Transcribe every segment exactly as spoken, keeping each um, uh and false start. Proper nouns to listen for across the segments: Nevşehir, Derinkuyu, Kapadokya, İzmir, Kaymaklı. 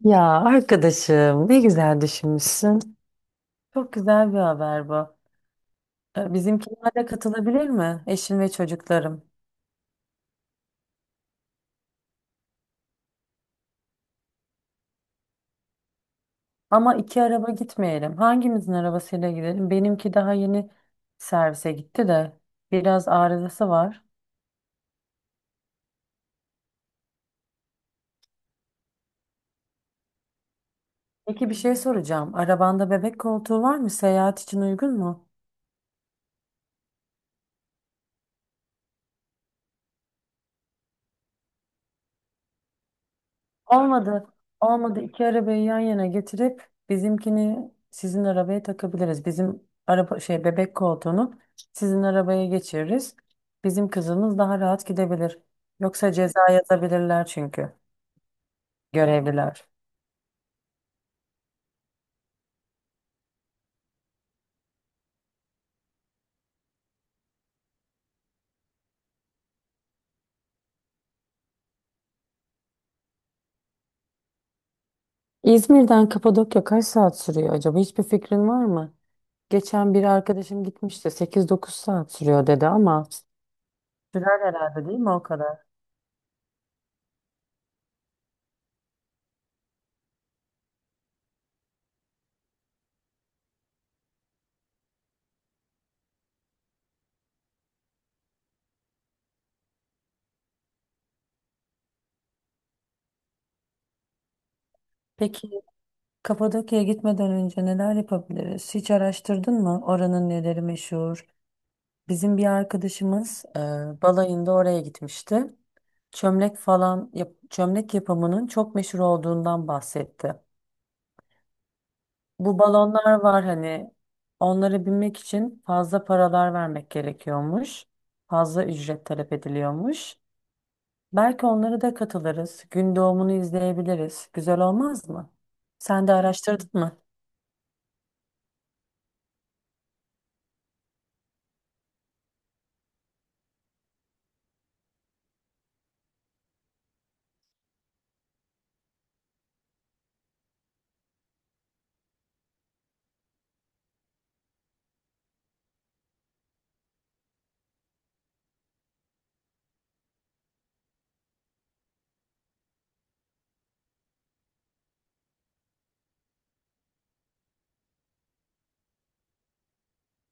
Ya arkadaşım ne güzel düşünmüşsün. Çok güzel bir haber bu. E, Bizimkiler de katılabilir mi? Eşim ve çocuklarım. Ama iki araba gitmeyelim. Hangimizin arabasıyla gidelim? Benimki daha yeni servise gitti de biraz arızası var. Peki bir şey soracağım. Arabanda bebek koltuğu var mı? Seyahat için uygun mu? Olmadı. Olmadı. İki arabayı yan yana getirip bizimkini sizin arabaya takabiliriz. Bizim araba şey bebek koltuğunu sizin arabaya geçiririz. Bizim kızımız daha rahat gidebilir. Yoksa ceza yazabilirler çünkü görevliler. İzmir'den Kapadokya kaç saat sürüyor acaba? Hiçbir fikrin var mı? Geçen bir arkadaşım gitmişti. sekiz dokuz saat sürüyor dedi ama sürer herhalde değil mi o kadar? Peki Kapadokya'ya gitmeden önce neler yapabiliriz? Hiç araştırdın mı? Oranın neleri meşhur? Bizim bir arkadaşımız e, balayında oraya gitmişti. Çömlek falan, yap- çömlek yapımının çok meşhur olduğundan bahsetti. Bu balonlar var hani onlara binmek için fazla paralar vermek gerekiyormuş. Fazla ücret talep ediliyormuş. Belki onlara da katılırız. Gün doğumunu izleyebiliriz. Güzel olmaz mı? Sen de araştırdın mı?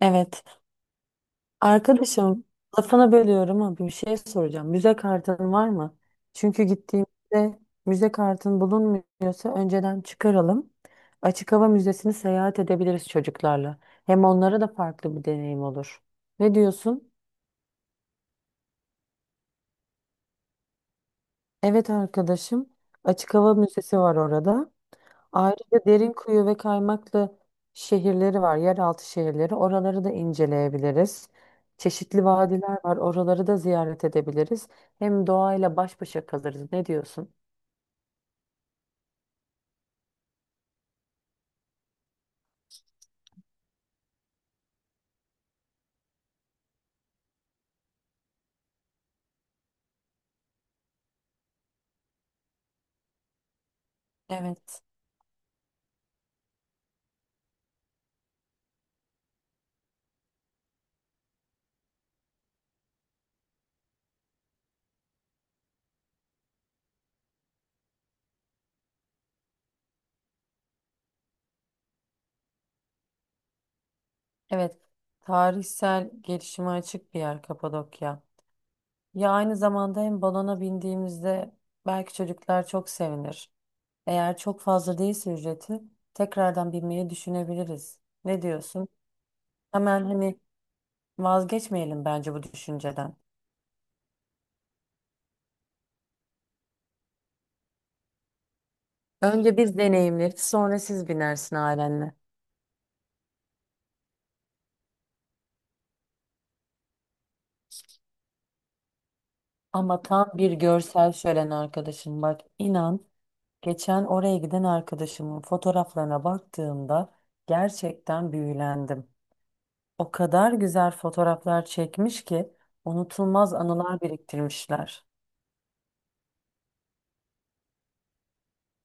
Evet. Arkadaşım lafını bölüyorum ama bir şey soracağım. Müze kartın var mı? Çünkü gittiğimizde müze kartın bulunmuyorsa önceden çıkaralım. Açık hava müzesini seyahat edebiliriz çocuklarla. Hem onlara da farklı bir deneyim olur. Ne diyorsun? Evet arkadaşım. Açık hava müzesi var orada. Ayrıca Derinkuyu ve Kaymaklı şehirleri var, yeraltı şehirleri. Oraları da inceleyebiliriz. Çeşitli vadiler var, oraları da ziyaret edebiliriz. Hem doğayla baş başa kalırız. Ne diyorsun? Evet, evet. Tarihsel gelişime açık bir yer Kapadokya. Ya aynı zamanda hem balona bindiğimizde belki çocuklar çok sevinir. Eğer çok fazla değilse ücreti tekrardan binmeyi düşünebiliriz. Ne diyorsun? Hemen hani vazgeçmeyelim bence bu düşünceden. Önce biz deneyimleriz, sonra siz binersin ailenle. Ama tam bir görsel şölen arkadaşım, bak inan, geçen oraya giden arkadaşımın fotoğraflarına baktığımda gerçekten büyülendim. O kadar güzel fotoğraflar çekmiş ki unutulmaz anılar biriktirmişler.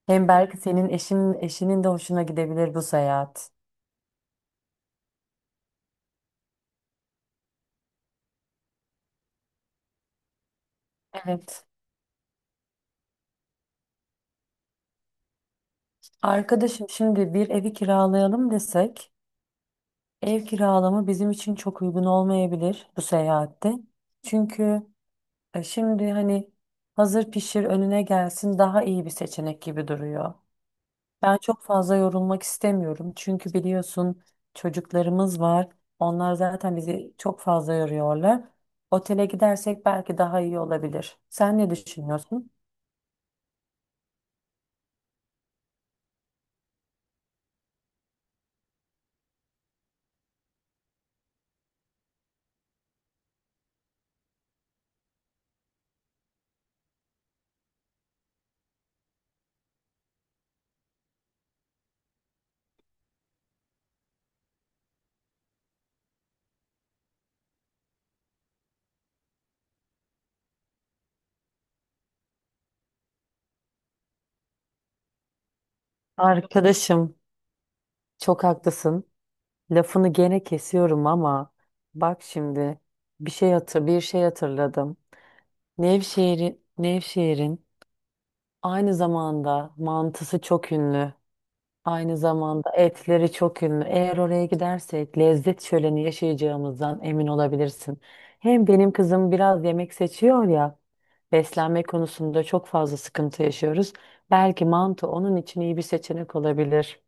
Hem belki senin eşin, eşinin de hoşuna gidebilir bu seyahat. Evet. Arkadaşım şimdi bir evi kiralayalım desek. Ev kiralama bizim için çok uygun olmayabilir bu seyahatte. Çünkü e, şimdi hani hazır pişir önüne gelsin daha iyi bir seçenek gibi duruyor. Ben çok fazla yorulmak istemiyorum. Çünkü biliyorsun çocuklarımız var. Onlar zaten bizi çok fazla yoruyorlar. Otele gidersek belki daha iyi olabilir. Sen ne düşünüyorsun? Arkadaşım çok haklısın. Lafını gene kesiyorum ama bak şimdi bir şey hatır bir şey hatırladım. Nevşehir'in Nevşehir'in aynı zamanda mantısı çok ünlü. Aynı zamanda etleri çok ünlü. Eğer oraya gidersek lezzet şöleni yaşayacağımızdan emin olabilirsin. Hem benim kızım biraz yemek seçiyor ya. Beslenme konusunda çok fazla sıkıntı yaşıyoruz. Belki mantı onun için iyi bir seçenek olabilir.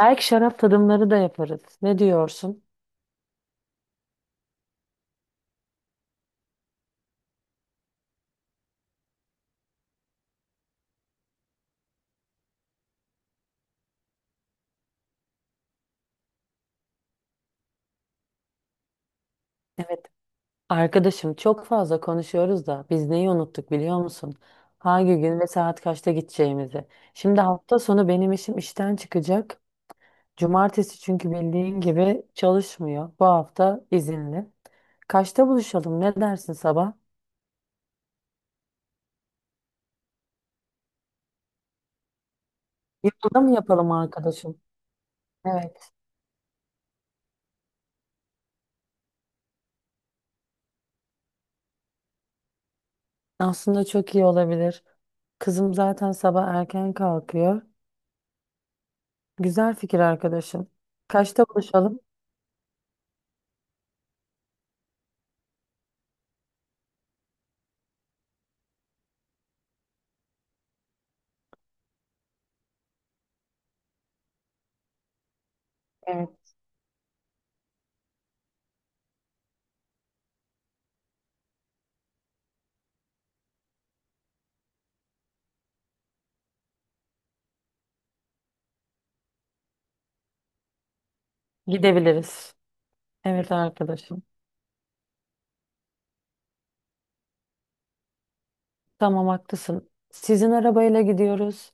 Belki şarap tadımları da yaparız. Ne diyorsun? Arkadaşım çok fazla konuşuyoruz da biz neyi unuttuk biliyor musun? Hangi gün ve saat kaçta gideceğimizi. Şimdi hafta sonu benim işim işten çıkacak. Cumartesi çünkü bildiğin gibi çalışmıyor. Bu hafta izinli. Kaçta buluşalım? Ne dersin sabah? Yolda mı yapalım arkadaşım? Evet. Aslında çok iyi olabilir. Kızım zaten sabah erken kalkıyor. Güzel fikir arkadaşım. Kaçta buluşalım? Evet. Gidebiliriz. Evet arkadaşım. Tamam haklısın. Sizin arabayla gidiyoruz.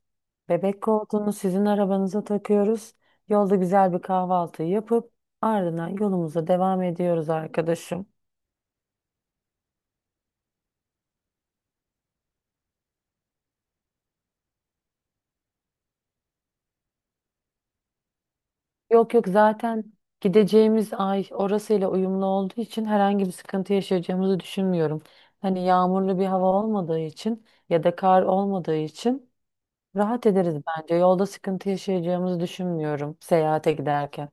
Bebek koltuğunu sizin arabanıza takıyoruz. Yolda güzel bir kahvaltı yapıp ardından yolumuza devam ediyoruz arkadaşım. Yok yok zaten gideceğimiz ay orasıyla uyumlu olduğu için herhangi bir sıkıntı yaşayacağımızı düşünmüyorum. Hani yağmurlu bir hava olmadığı için ya da kar olmadığı için rahat ederiz bence. Yolda sıkıntı yaşayacağımızı düşünmüyorum seyahate giderken.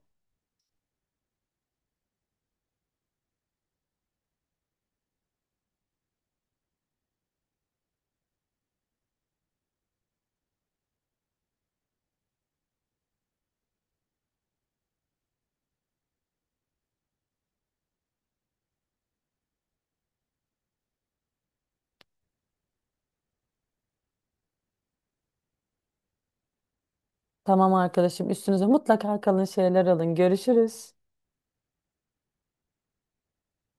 Tamam arkadaşım üstünüze mutlaka kalın şeyler alın. Görüşürüz.